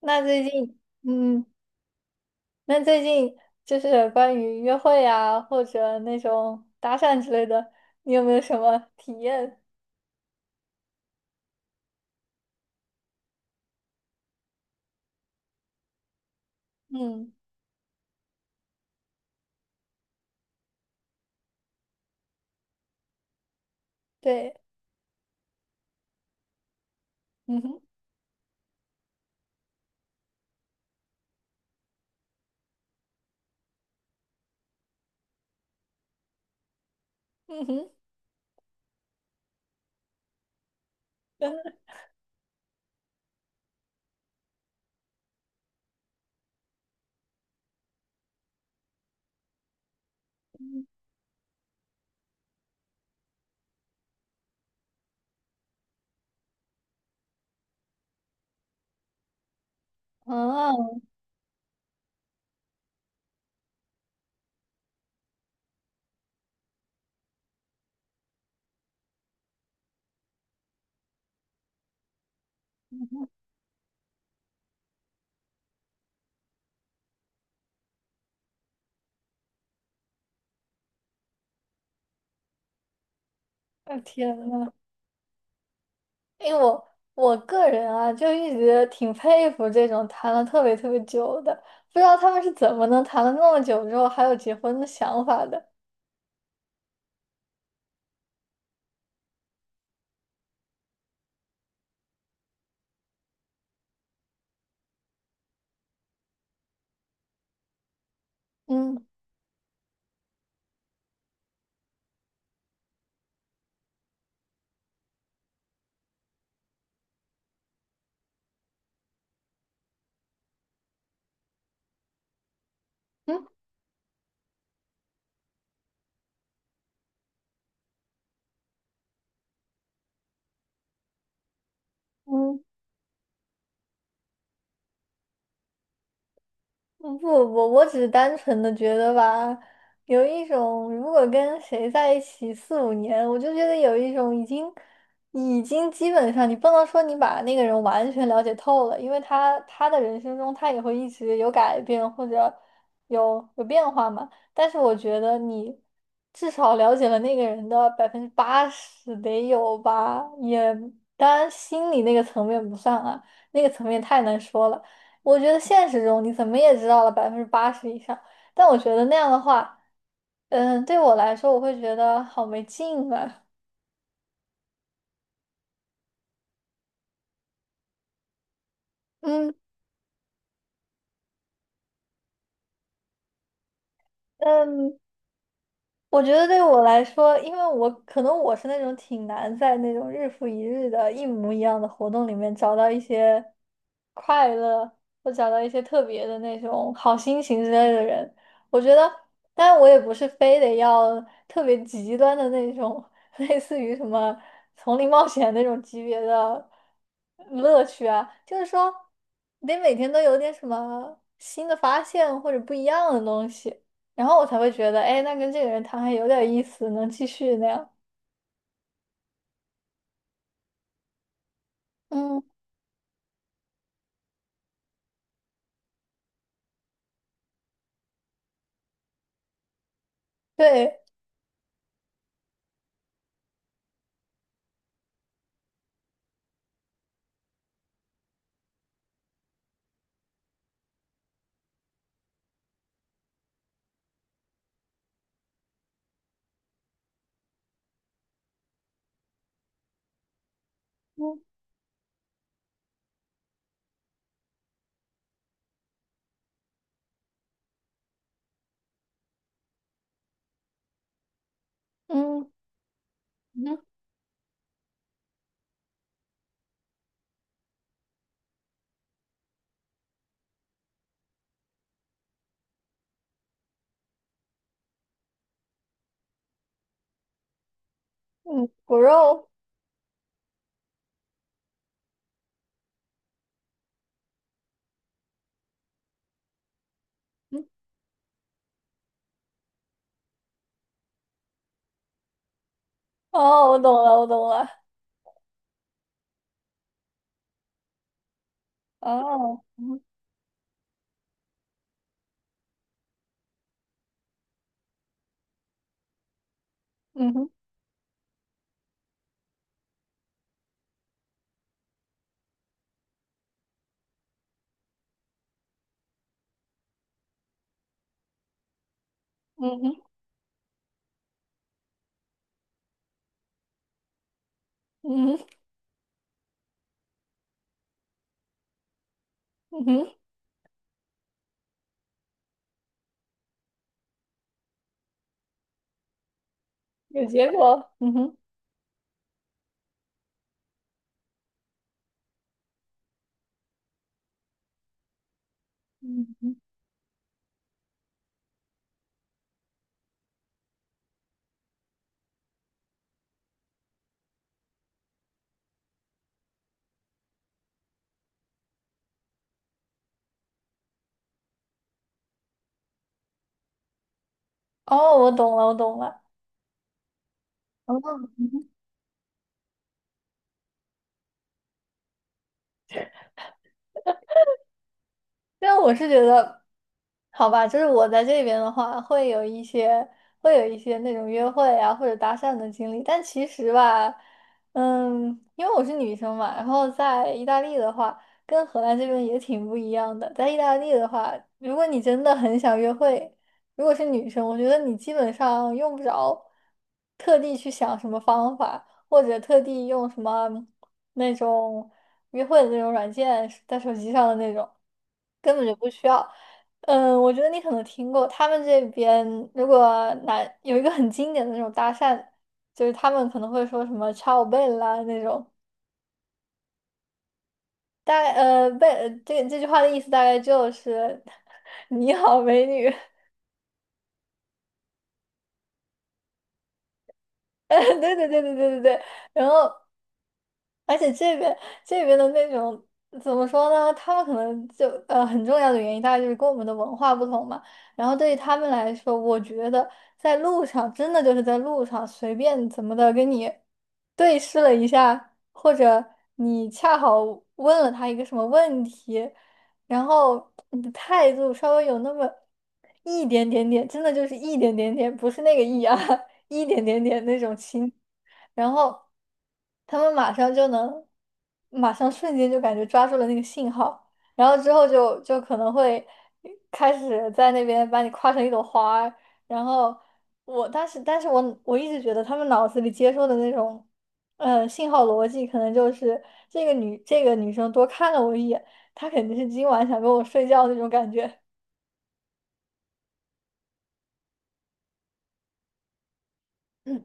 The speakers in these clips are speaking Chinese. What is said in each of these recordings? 那最近，嗯，那最近就是关于约会啊，或者那种搭讪之类的，你有没有什么体验？嗯，对，嗯哼，嗯哼，真的，啊，我天呐。因为我个人啊，就一直挺佩服这种谈了特别特别久的，不知道他们是怎么能谈了那么久之后还有结婚的想法的。嗯嗯嗯。嗯不不，我只是单纯的觉得吧，有一种如果跟谁在一起四五年，我就觉得有一种已经基本上，你不能说你把那个人完全了解透了，因为他的人生中他也会一直有改变或者有变化嘛。但是我觉得你至少了解了那个人的百分之八十得有吧，也当然心理那个层面不算啊，那个层面太难说了。我觉得现实中你怎么也知道了百分之八十以上，但我觉得那样的话，对我来说，我会觉得好没劲啊。嗯，嗯，我觉得对我来说，因为可能我是那种挺难在那种日复一日的一模一样的活动里面找到一些快乐，或找到一些特别的那种好心情之类的人。我觉得，当然我也不是非得要特别极端的那种，类似于什么丛林冒险那种级别的乐趣啊，就是说得每天都有点什么新的发现或者不一样的东西。然后我才会觉得，哎，那跟这个人谈还有点意思，能继续那样。嗯，对，嗯嗯嗯嗯，骨肉，嗯哦，我懂了，我懂了。哦，嗯嗯哼嗯哼嗯哼嗯哼，有结果，嗯哼，嗯嗯，哦，我懂了，我懂了，哦。因为我是觉得，好吧，就是我在这边的话，会有一些那种约会啊或者搭讪的经历，但其实吧，嗯，因为我是女生嘛，然后在意大利的话，跟荷兰这边也挺不一样的。在意大利的话，如果你真的很想约会，如果是女生，我觉得你基本上用不着特地去想什么方法，或者特地用什么那种约会的那种软件，在手机上的那种。根本就不需要。嗯，我觉得你可能听过，他们这边如果男有一个很经典的那种搭讪，就是他们可能会说什么 "ciao bella" 那种，大概呃贝这这句话的意思大概就是 “你好，美女"。对对对对对对对。然后，而且这边的那种，怎么说呢？他们可能就很重要的原因，大概就是跟我们的文化不同嘛。然后对于他们来说，我觉得在路上真的就是在路上随便怎么的跟你对视了一下，或者你恰好问了他一个什么问题，然后你的态度稍微有那么一点点点，真的就是一点点点，不是那个一啊，一点点点那种轻。然后他们马上瞬间就感觉抓住了那个信号，然后之后就可能会开始在那边把你夸成一朵花儿。然后我当时，但是我一直觉得他们脑子里接受的那种，信号逻辑可能就是这个女生多看了我一眼，她肯定是今晚想跟我睡觉那种感觉。嗯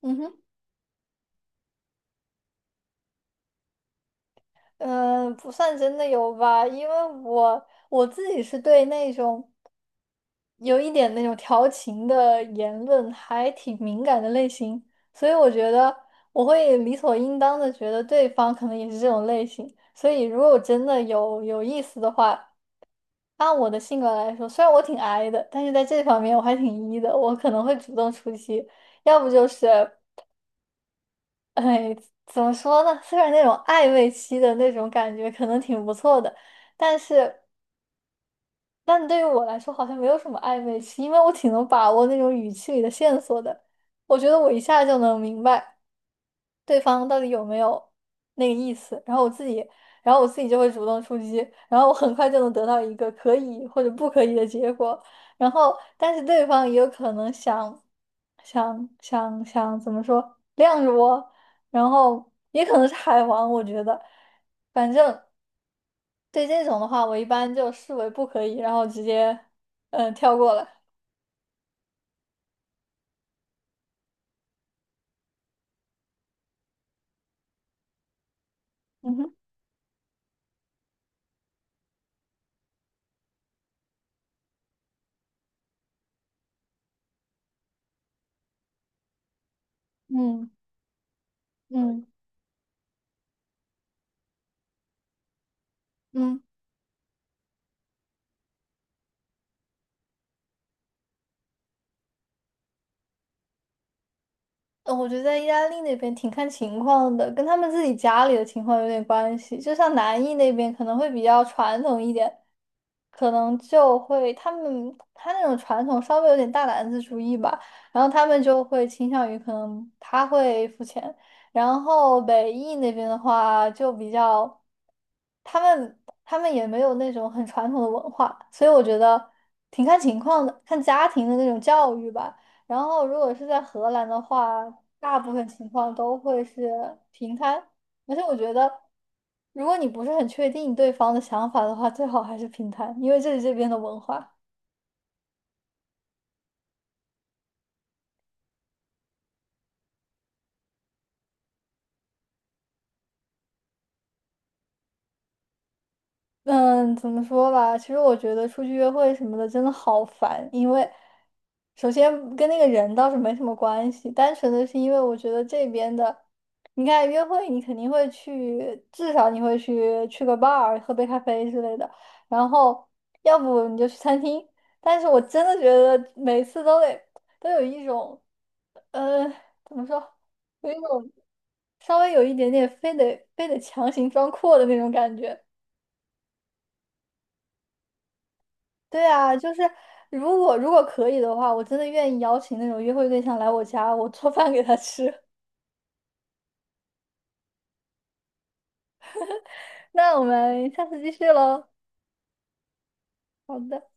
嗯哼。嗯，不算真的有吧，因为我自己是对那种有一点那种调情的言论，还挺敏感的类型，所以我觉得我会理所应当的觉得对方可能也是这种类型，所以如果真的有意思的话，按我的性格来说，虽然我挺 I 的，但是在这方面我还挺 E 的，我可能会主动出击，要不就是，哎，怎么说呢？虽然那种暧昧期的那种感觉可能挺不错的，但是。但对于我来说，好像没有什么暧昧期，因为我挺能把握那种语气里的线索的。我觉得我一下就能明白对方到底有没有那个意思，然后我自己就会主动出击，然后我很快就能得到一个可以或者不可以的结果。然后，但是对方也有可能想，想怎么说晾着我，然后也可能是海王，我觉得，反正。对这种的话，我一般就视为不可以，然后直接跳过了。嗯哼，嗯嗯嗯。我觉得在意大利那边挺看情况的，跟他们自己家里的情况有点关系。就像南意那边可能会比较传统一点，可能就会他们他那种传统稍微有点大男子主义吧，然后他们就会倾向于可能他会付钱。然后北意那边的话就比较，他们他们也没有那种很传统的文化，所以我觉得挺看情况的，看家庭的那种教育吧。然后如果是在荷兰的话，大部分情况都会是平摊，而且我觉得，如果你不是很确定对方的想法的话，最好还是平摊，因为这是这边的文化。嗯，怎么说吧？其实我觉得出去约会什么的真的好烦，因为首先跟那个人倒是没什么关系，单纯的是因为我觉得这边的，你看约会你肯定会去，至少你会去个 bar 喝杯咖啡之类的，然后要不你就去餐厅。但是我真的觉得每次都有一种，呃，怎么说，有一种稍微有一点点非得非得强行装阔的那种感觉。对啊，就是如果可以的话，我真的愿意邀请那种约会对象来我家，我做饭给他吃。那我们下次继续喽。好的。